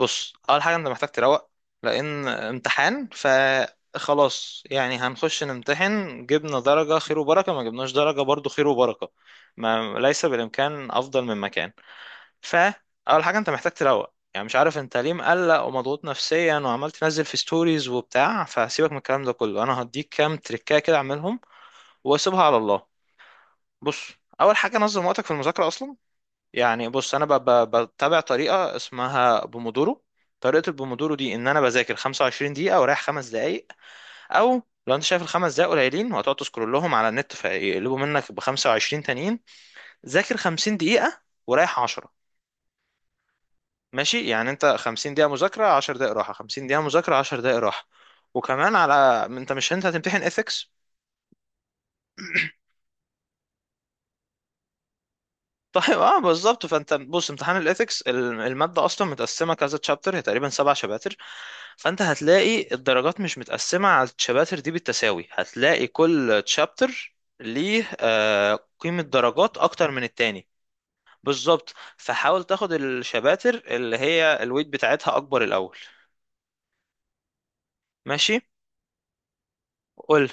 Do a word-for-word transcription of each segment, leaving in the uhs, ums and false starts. بص، اول حاجه انت محتاج تروق. لان امتحان، فخلاص يعني هنخش نمتحن، جبنا درجه خير وبركه، ما جبناش درجه برضو خير وبركه. ما ليس بالامكان افضل من مكان. فاول حاجه انت محتاج تروق. يعني مش عارف انت ليه مقلق ومضغوط نفسيا وعمال تنزل في ستوريز وبتاع. فسيبك من الكلام ده كله، انا هديك كام تريكايه كده اعملهم واسيبها على الله. بص، اول حاجه نظم وقتك في المذاكره اصلا. يعني بص، انا ب- ب- بتابع طريقه اسمها بومودورو. طريقه البومودورو دي ان انا بذاكر خمسة وعشرين دقيقة دقيقه ورايح خمس دقائق. او لو انت شايف الخمس دقائق قليلين وهتقعد تسكرولهم على النت، فيقلبوا منك ب خمسة وعشرين تانيين. ذاكر خمسين دقيقة دقيقه ورايح عشرة. ماشي، يعني انت خمسين دقيقة دقيقه مذاكره، 10 دقائق راحه، خمسين دقيقة دقيقه مذاكره، 10 دقائق راحه. وكمان على، انت مش، انت هتمتحن ethics. طيب اه بالظبط. فانت بص، امتحان الاثكس، الماده اصلا متقسمه كذا تشابتر، هي تقريبا سبع شباتر. فانت هتلاقي الدرجات مش متقسمه على الشباتر دي بالتساوي، هتلاقي كل تشابتر ليه آه، قيمه درجات اكتر من التاني. بالظبط، فحاول تاخد الشباتر اللي هي الويت بتاعتها اكبر الاول. ماشي، قول.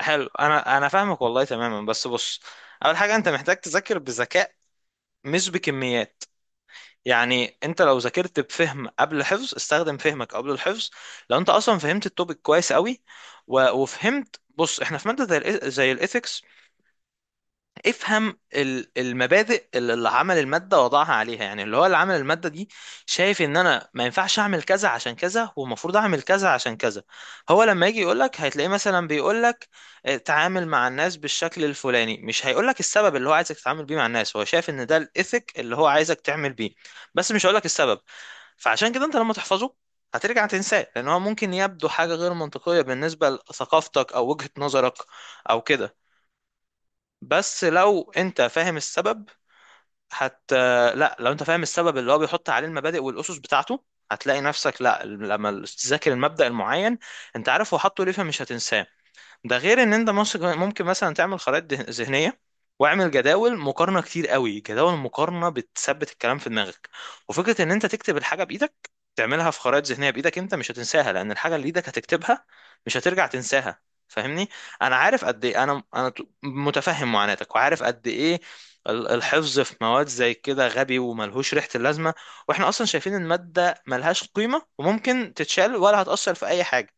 حلو. انا انا فاهمك والله تماما. بس بص، اول حاجه انت محتاج تذاكر بذكاء، مش بكميات. يعني انت لو ذاكرت بفهم قبل الحفظ، استخدم فهمك قبل الحفظ. لو انت اصلا فهمت التوبيك كويس قوي و- وفهمت. بص، احنا في ماده زي الإيث- زي الايثكس، افهم ال- المبادئ اللي اللي عمل المادة وضعها عليها، يعني اللي هو اللي عمل المادة دي. شايف ان انا ما ينفعش اعمل كذا عشان كذا، والمفروض اعمل كذا عشان كذا. هو لما يجي يقولك، هتلاقيه مثلا بيقولك آه، تعامل مع الناس بالشكل الفلاني. مش هيقولك السبب اللي هو عايزك تتعامل بيه مع الناس. هو شايف ان ده الايثيك اللي هو عايزك تعمل بيه، بس مش هيقولك السبب. فعشان كده انت لما تحفظه، هترجع تنساه، لان هو ممكن يبدو حاجة غير منطقية بالنسبة لثقافتك او وجهة نظرك او كده. بس لو انت فاهم السبب، هت لا، لو انت فاهم السبب اللي هو بيحط عليه المبادئ والاسس بتاعته، هتلاقي نفسك، لا، لما تذاكر المبدأ المعين انت عارف هو حاطه ليه، فمش هتنساه. ده غير ان انت ممسك- ممكن مثلا تعمل خرائط ده- ذهنيه. واعمل جداول مقارنه كتير قوي. جداول مقارنه بتثبت الكلام في دماغك. وفكره ان انت تكتب الحاجه بايدك، تعملها في خرائط ذهنيه بايدك، انت مش هتنساها. لان الحاجه اللي ايدك هتكتبها مش هترجع تنساها. فاهمني؟ انا عارف قد ايه، انا انا ت- متفهم معاناتك، وعارف قد ايه ال- الحفظ في مواد زي كده غبي وملهوش ريحه اللازمه. واحنا اصلا شايفين الماده ملهاش قيمه وممكن تتشال ولا هتاثر في اي حاجه.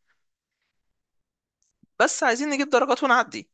بس عايزين نجيب درجات ونعدي.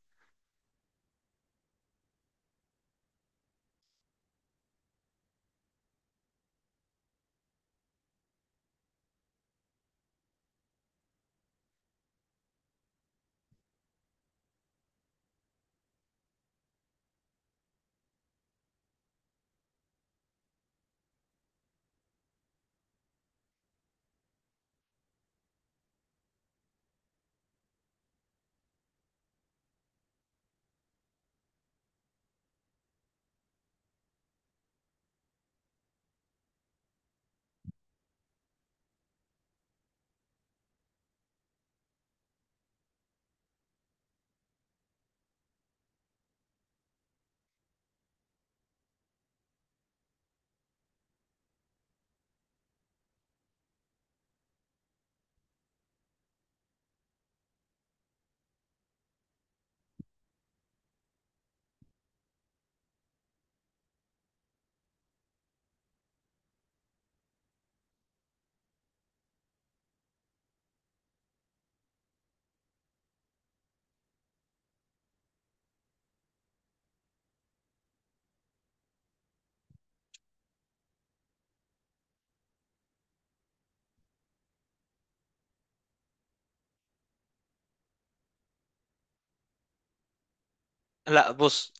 لا بص،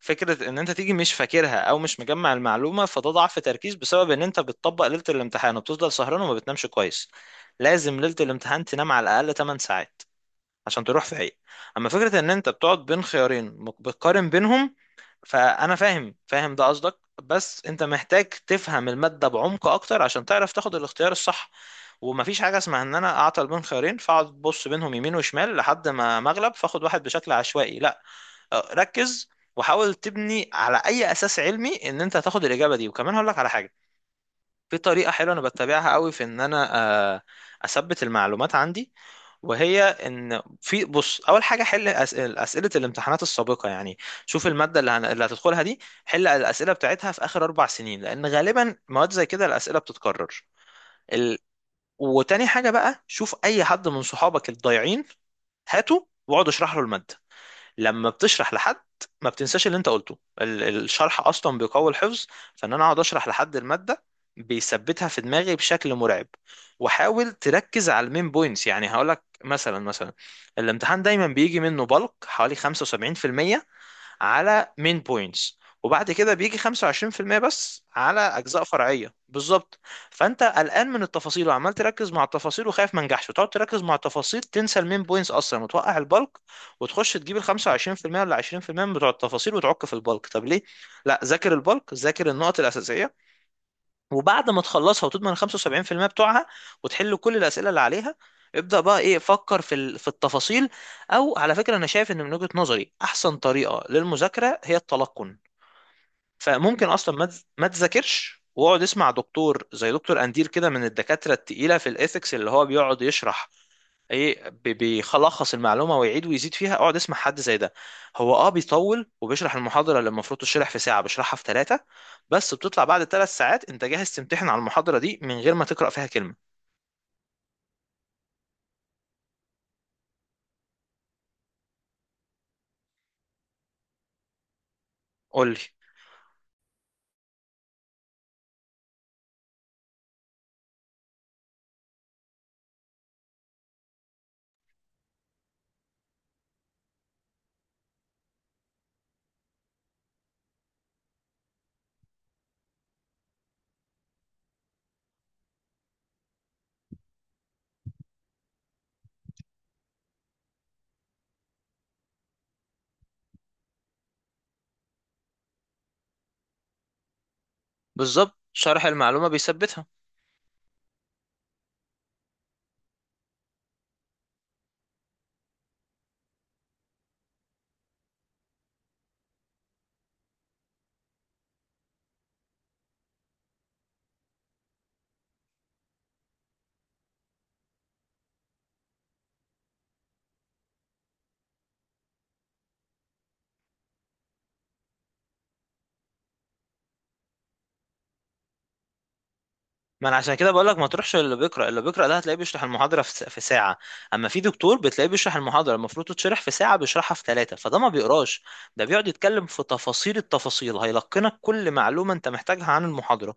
فكرة ان انت تيجي مش فاكرها او مش مجمع المعلومة، فده ضعف تركيز بسبب ان انت بتطبق ليلة الامتحان وبتفضل سهران وما بتنامش كويس. لازم ليلة الامتحان تنام على الاقل 8 ساعات عشان تروح فايق. اما فكرة ان انت بتقعد بين خيارين، مق- بتقارن بينهم، فانا فاهم فاهم ده قصدك. بس انت محتاج تفهم المادة بعمق اكتر عشان تعرف تاخد الاختيار الصح. ومفيش حاجة اسمها ان انا اعطل بين خيارين، فاقعد بص بينهم يمين وشمال لحد ما مغلب فاخد واحد بشكل عشوائي. لا، آه، ركز، وحاول تبني على اي اساس علمي ان انت هتاخد الاجابه دي. وكمان هقول لك على حاجه. في طريقه حلوه انا بتبعها قوي في ان انا آه، اثبت المعلومات عندي. وهي ان في، بص، اول حاجه حل أس- اسئله الامتحانات السابقه، يعني شوف الماده اللي هن- اللي هتدخلها دي. حل الاسئله بتاعتها في اخر اربع سنين، لان غالبا مواد زي كده الاسئله بتتكرر. ال... وتاني حاجه بقى، شوف اي حد من صحابك الضايعين هاته واقعد اشرح له الماده. لما بتشرح لحد ما بتنساش اللي انت قلته. ال- الشرح اصلا بيقوي الحفظ. فان انا اقعد اشرح لحد الماده، بيثبتها في دماغي بشكل مرعب. وحاول تركز على المين بوينتس. يعني هقولك مثلا مثلا، الامتحان دايما بيجي منه بلق حوالي خمسة وسبعين في المية على مين بوينتس، وبعد كده بيجي خمسة وعشرين في المية بس على اجزاء فرعيه بالظبط. فانت قلقان من التفاصيل وعمال تركز مع التفاصيل وخايف ما نجحش، وتقعد تركز مع التفاصيل تنسى المين بوينتس اصلا وتوقع البلك، وتخش تجيب ال خمسة وعشرين بالمية ولا عشرين بالمية بتوع التفاصيل وتعك في البلك. طب ليه؟ لا، ذاكر البلك، ذاكر النقط الاساسيه. وبعد ما تخلصها وتضمن ال خمسة وسبعين في المية بتوعها وتحل كل الأسئلة اللي عليها، ابدأ بقى، ايه، فكر في ال- في التفاصيل. او على فكرة، انا شايف ان من وجهة نظري احسن طريقة للمذاكرة هي التلقن. فممكن اصلا ما تز- ما تذاكرش واقعد اسمع دكتور زي دكتور اندير كده، من الدكاترة التقيلة في الايثكس اللي هو بيقعد يشرح ايه. بي- بيخلص المعلومه ويعيد ويزيد فيها. اقعد اسمع حد زي ده. هو اه بيطول وبيشرح المحاضره اللي المفروض تشرح في ساعه بيشرحها في ثلاثه. بس بتطلع بعد ثلاث ساعات انت جاهز تمتحن على المحاضره دي من غير ما تقرا فيها كلمه. قول لي. بالظبط، شرح المعلومه بيثبتها. ما انا عشان كده بقول لك ما تروحش اللي بيقرا. اللي بيقرا ده هتلاقيه بيشرح المحاضره في س- في ساعه. اما في دكتور بتلاقيه بيشرح المحاضره المفروض تتشرح في ساعه بيشرحها في ثلاثه، فده ما بيقراش. ده بيقعد يتكلم في تفاصيل التفاصيل، هيلقنك كل معلومه انت محتاجها عن المحاضره.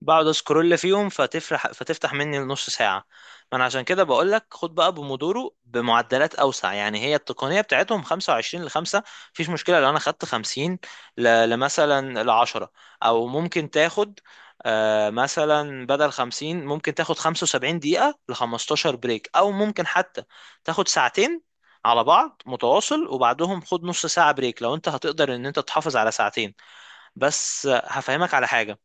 بقعد اسكرول فيهم فتفرح، فتفتح مني نص ساعة. ما انا عشان كده بقول لك خد بقى بومودورو بمعدلات اوسع. يعني هي التقنية بتاعتهم خمسة وعشرين ل خمسة. مفيش مشكلة لو انا خدت خمسين ل- لمثلا ل عشرة. او ممكن تاخد، آه، مثلا بدل خمسين ممكن تاخد 75 دقيقة ل خمستاشر بريك. او ممكن حتى تاخد ساعتين على بعض متواصل، وبعدهم خد نص ساعة بريك لو انت هتقدر ان انت تحافظ على ساعتين. بس آه، هفهمك على حاجة.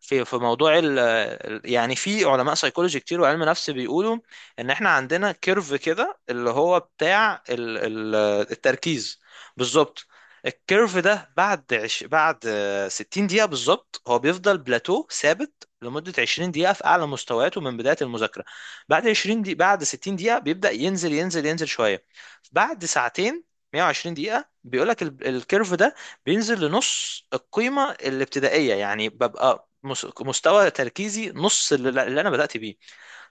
في في موضوع ال ال- يعني في علماء سيكولوجي كتير وعلم نفس بيقولوا ان احنا عندنا كيرف كده اللي هو بتاع ال ال التركيز. بالظبط. الكيرف ده بعد عش بعد آه، 60 دقيقة بالظبط هو بيفضل بلاتو ثابت لمدة 20 دقيقة في أعلى مستوياته من بداية المذاكرة. بعد 20 دقيقة، بعد 60 دقيقة بيبدأ ينزل ينزل ينزل شوية. بعد ساعتين، 120 دقيقة، بيقولك ال- الكيرف ده بينزل لنص القيمة الابتدائية، يعني ببقى مس- مستوى تركيزي نص اللي اللي انا بدأت بيه.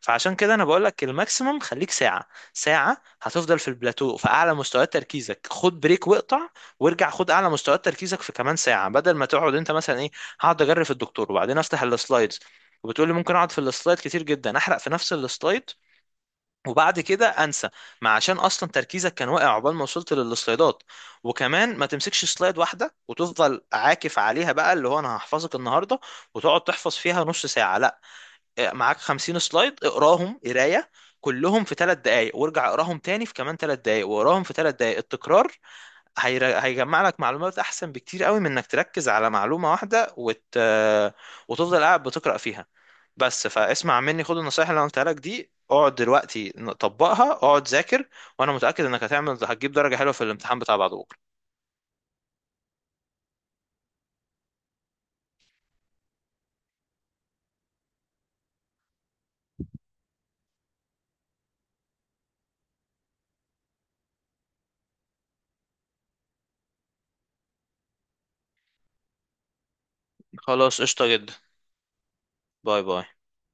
فعشان كده انا بقول لك الماكسيموم خليك ساعة. ساعة هتفضل في البلاتو في اعلى مستويات تركيزك. خد بريك واقطع، وارجع خد اعلى مستويات تركيزك في كمان ساعة، بدل ما تقعد انت مثلا ايه: هقعد اجري في الدكتور وبعدين افتح السلايدز. وبتقول لي ممكن اقعد في السلايد كتير جدا، احرق في نفس السلايد، وبعد كده انسى. ما عشان اصلا تركيزك كان واقع عقبال ما وصلت للسلايدات. وكمان ما تمسكش سلايد واحده وتفضل عاكف عليها بقى، اللي هو انا هحفظك النهارده، وتقعد تحفظ فيها نص ساعه. لا، إيه، معاك 50 سلايد اقراهم قرايه كلهم في ثلاث دقائق، وارجع اقراهم تاني في كمان ثلاث دقائق، واقراهم في ثلاث دقائق. التكرار هير- هيجمع لك معلومات احسن بكتير قوي من انك تركز على معلومه واحده وت... وتفضل قاعد بتقرا فيها. بس فاسمع مني، خد النصايح اللي انا قلتها لك دي، اقعد دلوقتي ن- طبقها، اقعد ذاكر. وانا متأكد انك هتعمل هتجيب درجة حلوة في الامتحان بتاع بعد بكرة. خلاص، قشطة جدا. باي باي.